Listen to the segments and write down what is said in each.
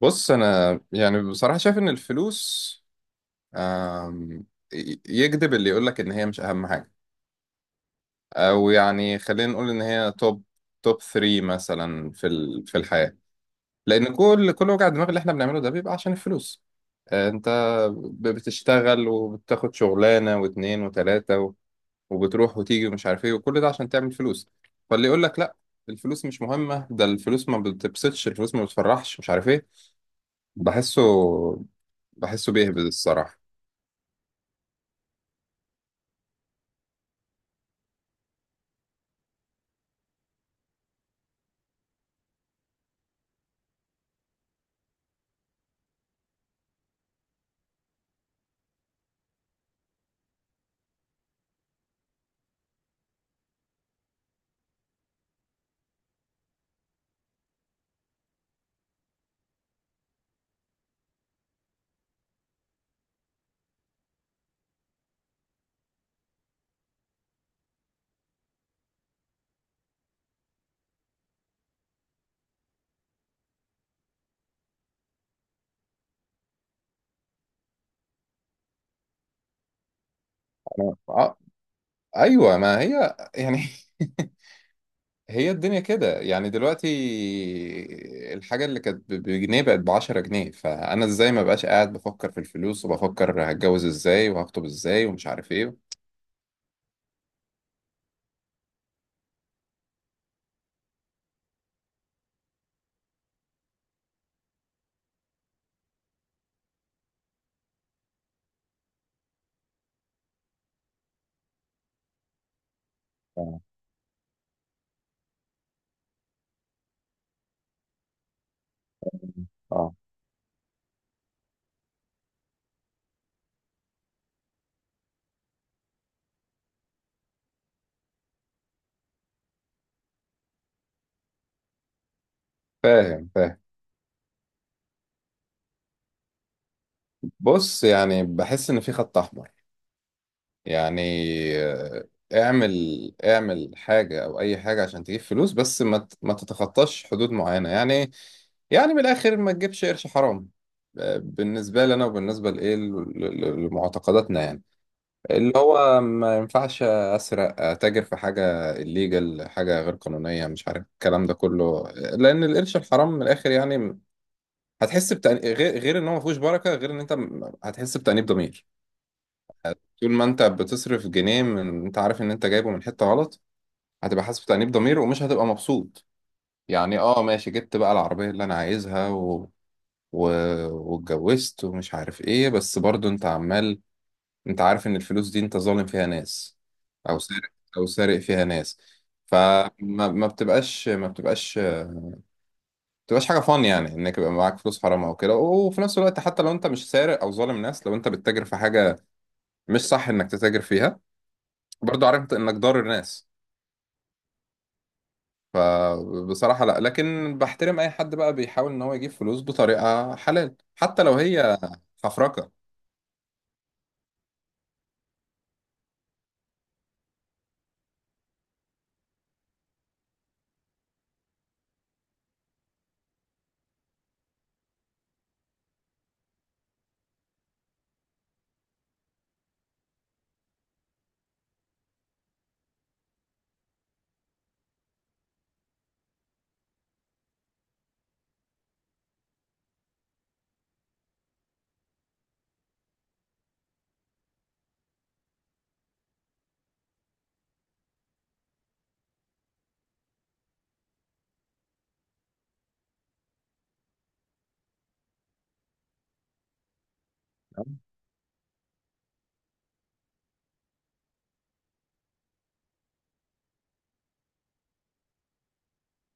بص، انا يعني بصراحه شايف ان الفلوس آم، يكذب اللي يقولك ان هي مش اهم حاجه. او يعني خلينا نقول ان هي توب 3 مثلا في في الحياه. لان كل وجع الدماغ اللي احنا بنعمله ده بيبقى عشان الفلوس. انت بتشتغل وبتاخد شغلانه واتنين وتلاته وبتروح وتيجي ومش عارف ايه، وكل ده عشان تعمل فلوس. فاللي يقولك لا، الفلوس مش مهمه، ده الفلوس ما بتبسطش، الفلوس ما بتفرحش، مش عارف ايه. بحسه بحسه بيهبد الصراحة. أنا... آه... أيوة، ما هي يعني. هي الدنيا كده، يعني دلوقتي. الحاجة اللي كانت بجنيه بقت ب10 جنيه، فأنا إزاي ما بقاش قاعد بفكر في الفلوس، وبفكر هتجوز إزاي وهخطب إزاي ومش عارف إيه. آه، آه. فاهم، فاهم. بص، يعني بحس إن في خط أحمر. يعني آه، اعمل اعمل حاجة او اي حاجة عشان تجيب فلوس، بس ما ما تتخطاش حدود معينة يعني. من الاخر، ما تجيبش قرش حرام. بالنسبة لنا وبالنسبة لإيه، لمعتقداتنا يعني. اللي هو ما ينفعش أسرق، أتاجر في حاجة الليجل، حاجة غير قانونية، مش عارف الكلام ده كله. لأن القرش الحرام من الآخر يعني هتحس بتأنيب، غير إن هو ما فيهوش بركة، غير إن أنت هتحس بتأنيب ضمير. طول ما انت بتصرف جنيه من انت عارف ان انت جايبه من حتة غلط، هتبقى حاسس بتأنيب ضمير، ومش هتبقى مبسوط. يعني، اه، ماشي، جبت بقى العربية اللي انا عايزها، و... واتجوزت ومش عارف ايه، بس برضو انت عمال. انت عارف ان الفلوس دي انت ظالم فيها ناس، او سارق او سارق فيها ناس. فما ما بتبقاش ما بتبقاش ما بتبقاش حاجة، فان يعني انك يبقى معاك فلوس حرام او كده. وفي نفس الوقت، حتى لو انت مش سارق او ظالم ناس، لو انت بتتاجر في حاجة مش صح انك تتاجر فيها، برضو عارف انك ضار الناس. فبصراحة، لا، لكن بحترم أي حد بقى بيحاول إن هو يجيب فلوس بطريقة حلال، حتى لو هي حفركة.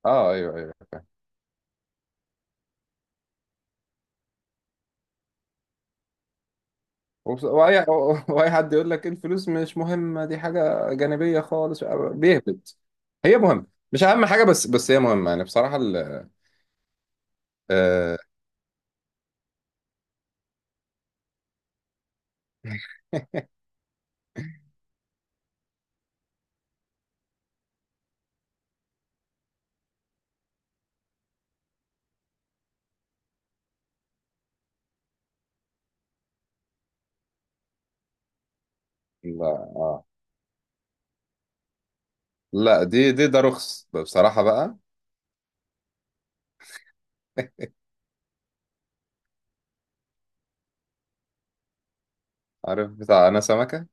اه، ايوه، ايوه، فاهم. واي واي حد يقول لك الفلوس مش مهمه، دي حاجه جانبيه خالص، بيهبط. هي مهمه، مش اهم حاجه بس، هي مهمه يعني بصراحه ال آه لا، آه، لا، دي ده رخص بصراحه بقى. عارف بتاع، انا سمكه،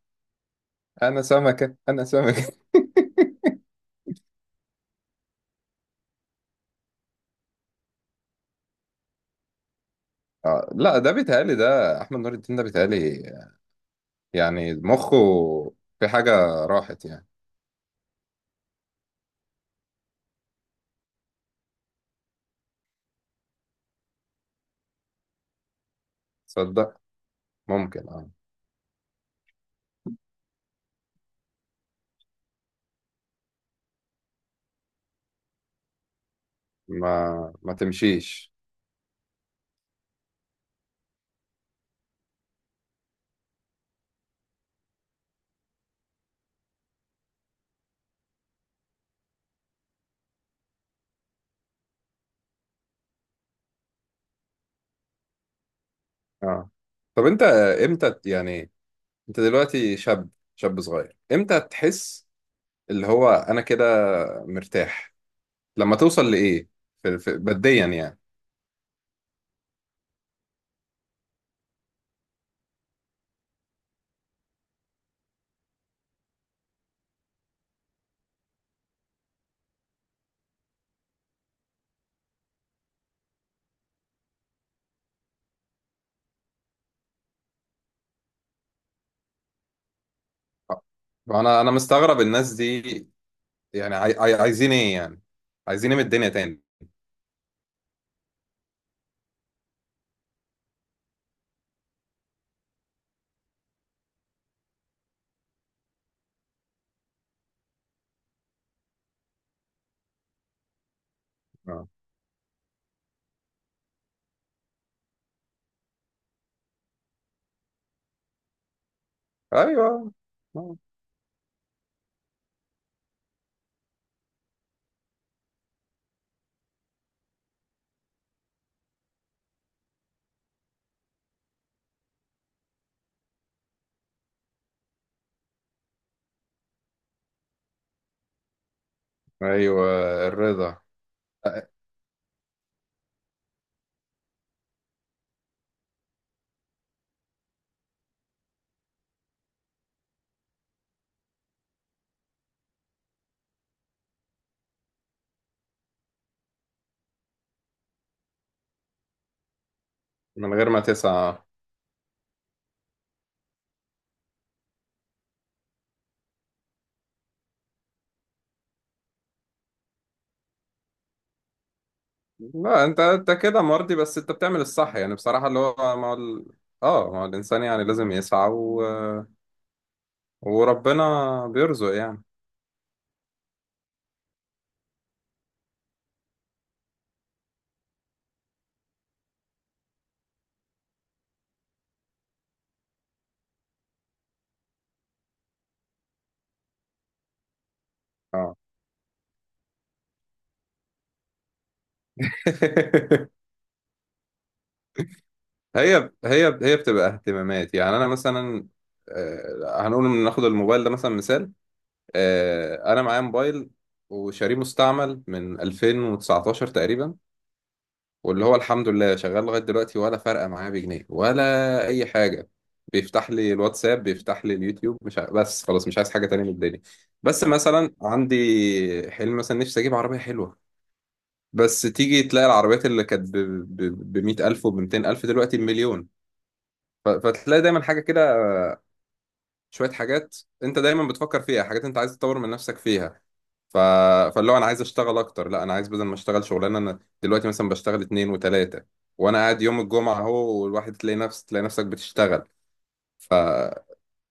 انا سمكه، انا سمكه. آه، لا، ده بيتهيألي ده احمد نور الدين، ده بيتهيألي. يعني مخه في حاجة راحت يعني. تصدق. ممكن. اه. ما تمشيش. اه. طب انت امتى يعني، انت دلوقتي شاب صغير، امتى تحس اللي هو انا كده مرتاح؟ لما توصل لايه؟ في بديا يعني. آه. انا مستغرب الناس دي، يعني عايزين ايه يعني؟ عايزين ايه من الدنيا تاني؟ اه، ايوه. آه. ايوه، الرضا. آه، من غير ما تسعى. لا، انت كده مرضي، بس انت بتعمل الصح يعني بصراحة، اللي هو مع اه، ما هو الانسان يعني لازم يسعى وربنا بيرزق يعني. اه. هي بتبقى اهتمامات، يعني انا مثلا، هنقول ان ناخد الموبايل ده مثلا، مثال. انا معايا موبايل وشاريه مستعمل من 2019 تقريبا، واللي هو الحمد لله شغال لغاية دلوقتي، ولا فارقة معايا بجنيه ولا أي حاجة. بيفتح لي الواتساب، بيفتح لي اليوتيوب، مش بس خلاص مش عايز حاجة تانية من الدنيا. بس مثلا عندي حلم، مثلا نفسي أجيب عربية حلوة، بس تيجي تلاقي العربيات اللي كانت ب 100000 ألف وب 200000 ألف، دلوقتي بمليون. فتلاقي دايما حاجة كده، شويه حاجات انت دايما بتفكر فيها، حاجات انت عايز تطور من نفسك فيها. ف... فاللي هو انا عايز اشتغل اكتر، لا، انا عايز بدل ما اشتغل شغلانه، انا دلوقتي مثلا بشتغل اتنين وتلاته، وانا قاعد يوم الجمعه اهو، والواحد تلاقي نفسك بتشتغل. ف...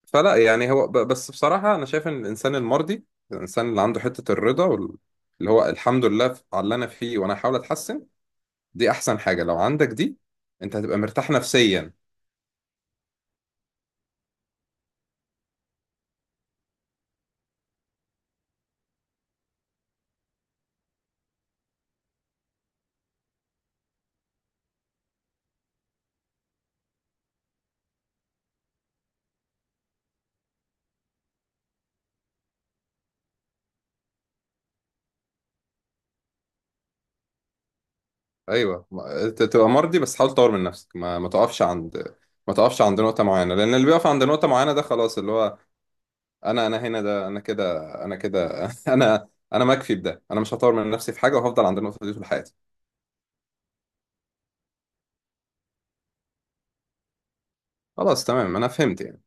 فلا يعني، هو بس بصراحه انا شايف ان الانسان المرضي، الانسان اللي عنده حته الرضا اللي هو الحمد لله على اللي انا فيه، وانا هحاول اتحسن، دي احسن حاجه. لو عندك دي انت هتبقى مرتاح نفسيا. ايوه، تبقى مرضي، بس حاول تطور من نفسك، ما تقفش عند نقطة معينة. لأن اللي بيقف عند نقطة معينة ده خلاص، اللي هو أنا هنا، ده أنا كده، أنا كده أنا مكفي بده، أنا مش هطور من نفسي في حاجة، وهفضل عند النقطة دي طول حياتي. خلاص، تمام، أنا فهمت يعني.